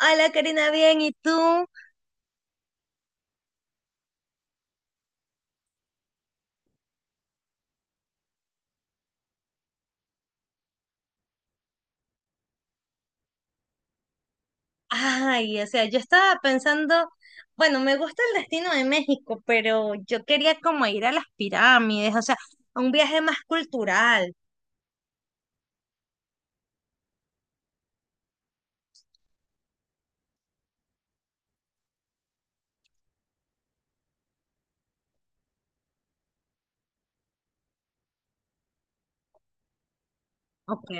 Hola Karina, bien, ¿y tú? Ay, o sea, yo estaba pensando, bueno, me gusta el destino de México, pero yo quería como ir a las pirámides, o sea, a un viaje más cultural. Ok.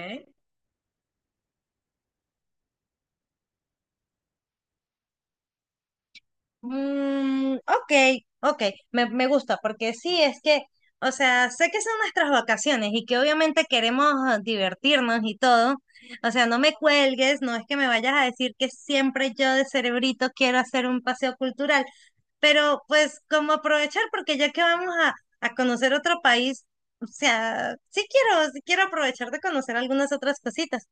Ok, ok, me gusta, porque sí, es que, o sea, sé que son nuestras vacaciones y que obviamente queremos divertirnos y todo. O sea, no me cuelgues, no es que me vayas a decir que siempre yo de cerebrito quiero hacer un paseo cultural, pero pues como aprovechar, porque ya que vamos a conocer otro país, o sea, sí quiero aprovechar de conocer algunas otras cositas.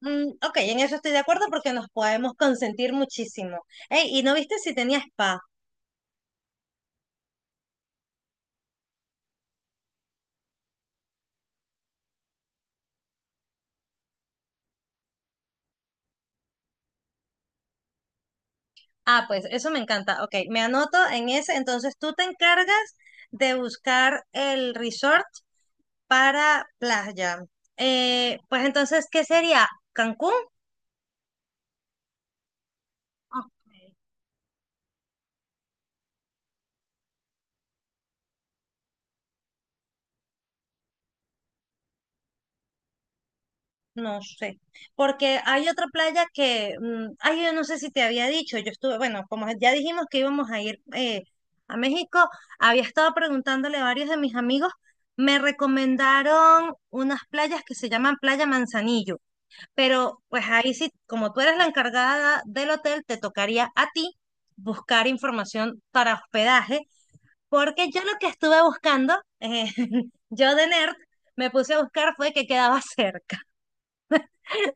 Ok, en eso estoy de acuerdo porque nos podemos consentir muchísimo. Ey, ¿y no viste si tenía spa? Ah, pues eso me encanta. Ok, me anoto en ese. Entonces tú te encargas de buscar el resort para playa. Pues entonces, ¿qué sería? ¿Cancún? Ok, no sé, porque hay otra playa que, ay, yo no sé si te había dicho, yo estuve, bueno, como ya dijimos que íbamos a ir a México, había estado preguntándole a varios de mis amigos, me recomendaron unas playas que se llaman Playa Manzanillo. Pero pues ahí sí, como tú eres la encargada del hotel, te tocaría a ti buscar información para hospedaje, porque yo lo que estuve buscando, eh, yo de nerd, me puse a buscar fue que quedaba cerca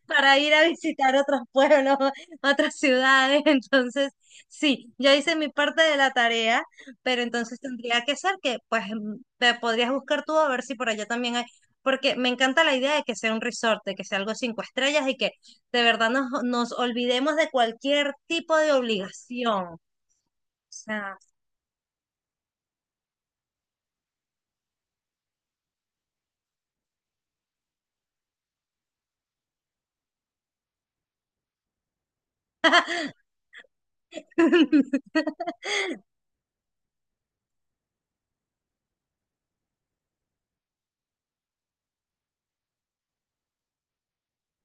para ir a visitar otros pueblos, otras ciudades. Entonces, sí, yo hice mi parte de la tarea, pero entonces tendría que ser que, pues, te podrías buscar tú a ver si por allá también hay, porque me encanta la idea de que sea un resort, de que sea algo cinco estrellas y que de verdad nos olvidemos de cualquier tipo de obligación. O sea,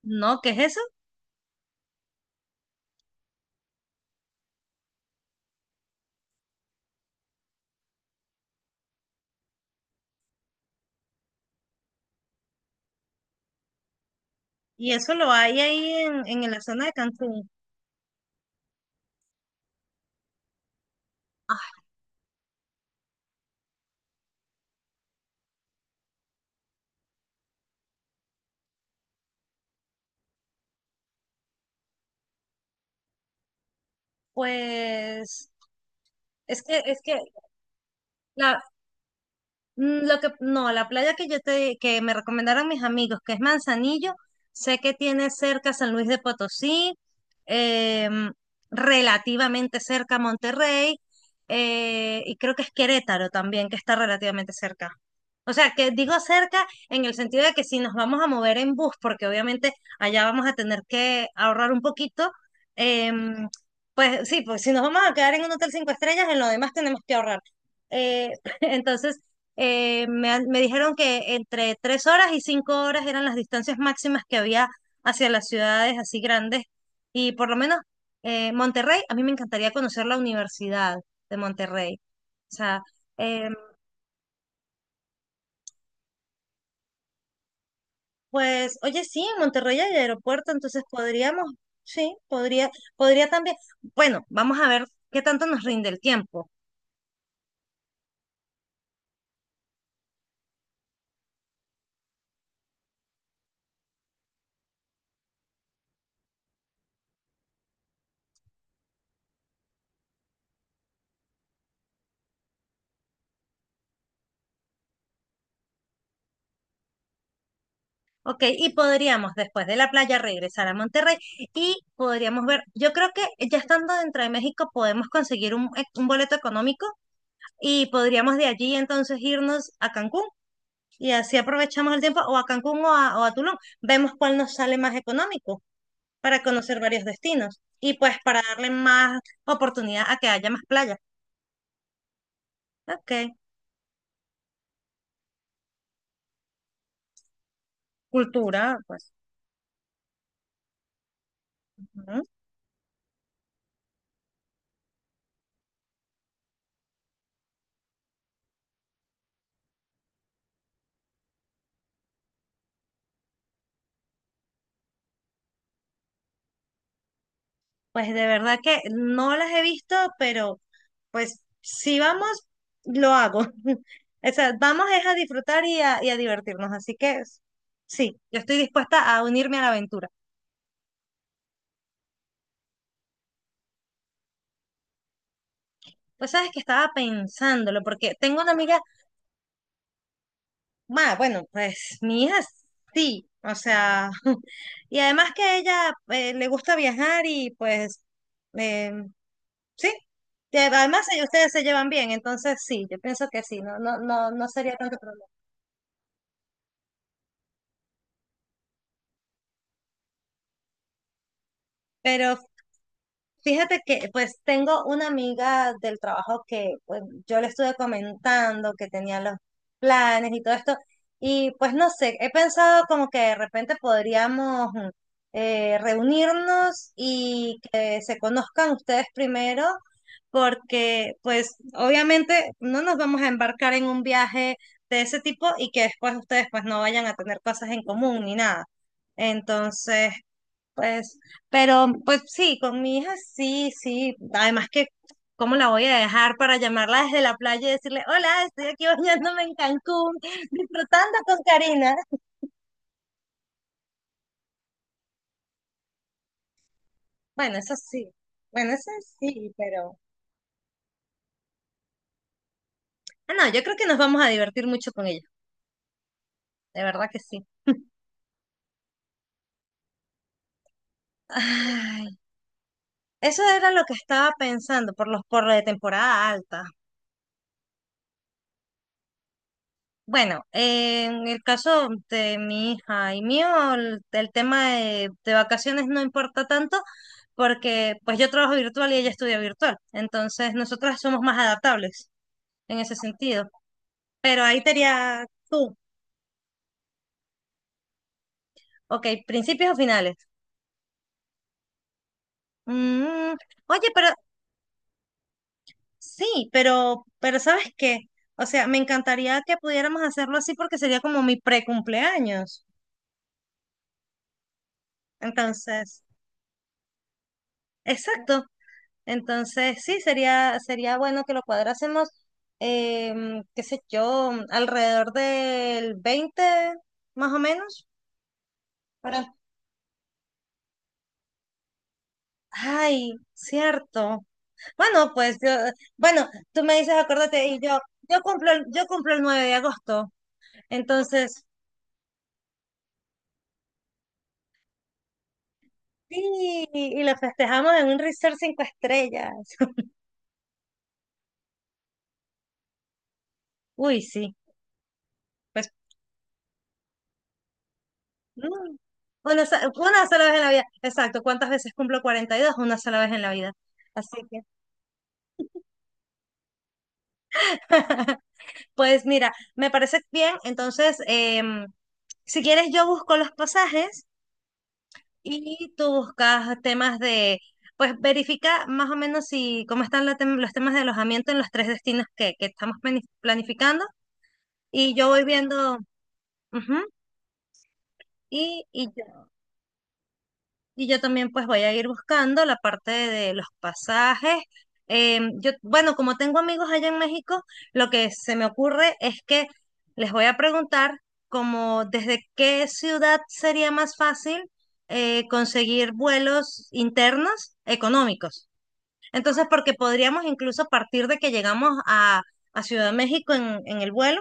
no, ¿qué es eso? Y eso lo hay ahí en la zona de Cancún. Ah, pues, es que, la- lo que, no, la playa que yo te, que me recomendaron mis amigos, que es Manzanillo, sé que tiene cerca San Luis de Potosí, em, relativamente cerca Monterrey, y creo que es Querétaro también, que está relativamente cerca. O sea, que digo cerca en el sentido de que si nos vamos a mover en bus, porque obviamente allá vamos a tener que ahorrar un poquito, em, pues sí, pues si nos vamos a quedar en un hotel cinco estrellas, en lo demás tenemos que ahorrar. Eh, entonces, me dijeron que entre 3 horas y 5 horas eran las distancias máximas que había hacia las ciudades así grandes. Y por lo menos Monterrey, a mí me encantaría conocer la Universidad de Monterrey. O sea, eh, pues, oye, sí, en Monterrey hay aeropuerto, entonces podríamos, sí, podría también, bueno, vamos a ver qué tanto nos rinde el tiempo. Ok, y podríamos después de la playa regresar a Monterrey y podríamos ver, yo creo que ya estando dentro de México podemos conseguir un boleto económico y podríamos de allí entonces irnos a Cancún y así aprovechamos el tiempo o a Cancún o a Tulum. Vemos cuál nos sale más económico para conocer varios destinos y pues para darle más oportunidad a que haya más playas. Ok, cultura, pues. Ujú. Pues de verdad que no las he visto, pero pues si vamos, lo hago. O sea, vamos es a disfrutar y a divertirnos. Así que sí, yo estoy dispuesta a unirme a la aventura. Pues sabes que estaba pensándolo, porque tengo una amiga, bueno, pues mi hija sí, o sea, y además que a ella le gusta viajar y pues eh, sí, que además ustedes se llevan bien, entonces sí, yo pienso que sí, no, no, no, no sería tanto problema. Pero fíjate que pues tengo una amiga del trabajo que pues yo le estuve comentando que tenía los planes y todo esto y pues no sé, he pensado como que de repente podríamos reunirnos y que se conozcan ustedes primero porque pues obviamente no nos vamos a embarcar en un viaje de ese tipo y que después ustedes pues no vayan a tener cosas en común ni nada. Entonces, pues, pero pues sí, con mi hija sí, sí. Además que, ¿cómo la voy a dejar para llamarla desde la playa y decirle, hola, estoy aquí bañándome en Cancún, disfrutando con Karina? Bueno, eso sí. Bueno, eso sí, pero... Ah, no, yo creo que nos vamos a divertir mucho con ella. De verdad que sí. Ay, eso era lo que estaba pensando por lo de temporada alta. Bueno, en el caso de mi hija y mío, el tema de vacaciones no importa tanto porque pues yo trabajo virtual y ella estudia virtual. Entonces, nosotras somos más adaptables en ese sentido. Pero ahí te diría tú, ok, principios o finales. Mm, oye, pero sí, pero ¿sabes qué? O sea, me encantaría que pudiéramos hacerlo así porque sería como mi pre-cumpleaños. Entonces, exacto. Entonces, sí, sería bueno que lo cuadrásemos, qué sé yo, alrededor del 20 más o menos, para... Ay, cierto. Bueno, pues yo, bueno, tú me dices, acuérdate, y yo cumplo el 9 de agosto. Entonces, sí, y lo festejamos en un resort cinco estrellas. Uy, sí, pues, mm, una sola vez en la vida. Exacto, ¿cuántas veces cumplo 42? Una sola vez en la vida. Así que... Pues mira, me parece bien. Entonces, si quieres, yo busco los pasajes y tú buscas temas de, pues verifica más o menos si cómo están los temas de alojamiento en los tres destinos que estamos planificando y yo voy viendo, ujú, y, y yo- y yo también pues voy a ir buscando la parte de los pasajes. Yo, bueno, como tengo amigos allá en México, lo que se me ocurre es que les voy a preguntar como desde qué ciudad sería más fácil conseguir vuelos internos económicos. Entonces, porque podríamos incluso partir de que llegamos a Ciudad de México en el vuelo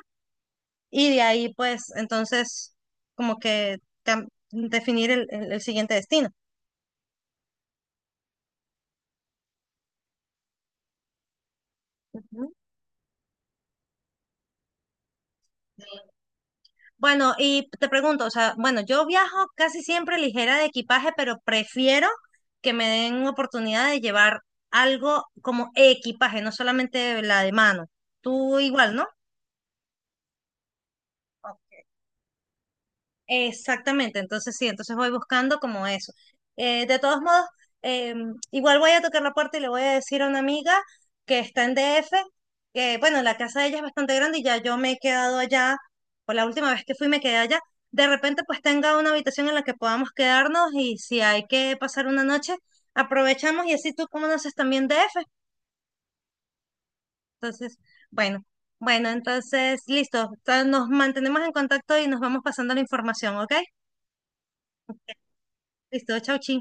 y de ahí pues entonces como que definir el siguiente destino. Bueno, y te pregunto, o sea, bueno, yo viajo casi siempre ligera de equipaje, pero prefiero que me den oportunidad de llevar algo como equipaje, no solamente la de mano. Tú igual, ¿no? Exactamente, entonces sí, entonces voy buscando como eso. De todos modos, eh, igual voy a tocar la puerta y le voy a decir a una amiga que está en DF, que bueno, la casa de ella es bastante grande y ya yo me he quedado allá, por la última vez que fui me quedé allá. De repente pues tenga una habitación en la que podamos quedarnos y si hay que pasar una noche, aprovechamos y así tú conoces también DF. Entonces, bueno, bueno, entonces listo, nos mantenemos en contacto y nos vamos pasando la información, ¿ok? Listo, chau, chi.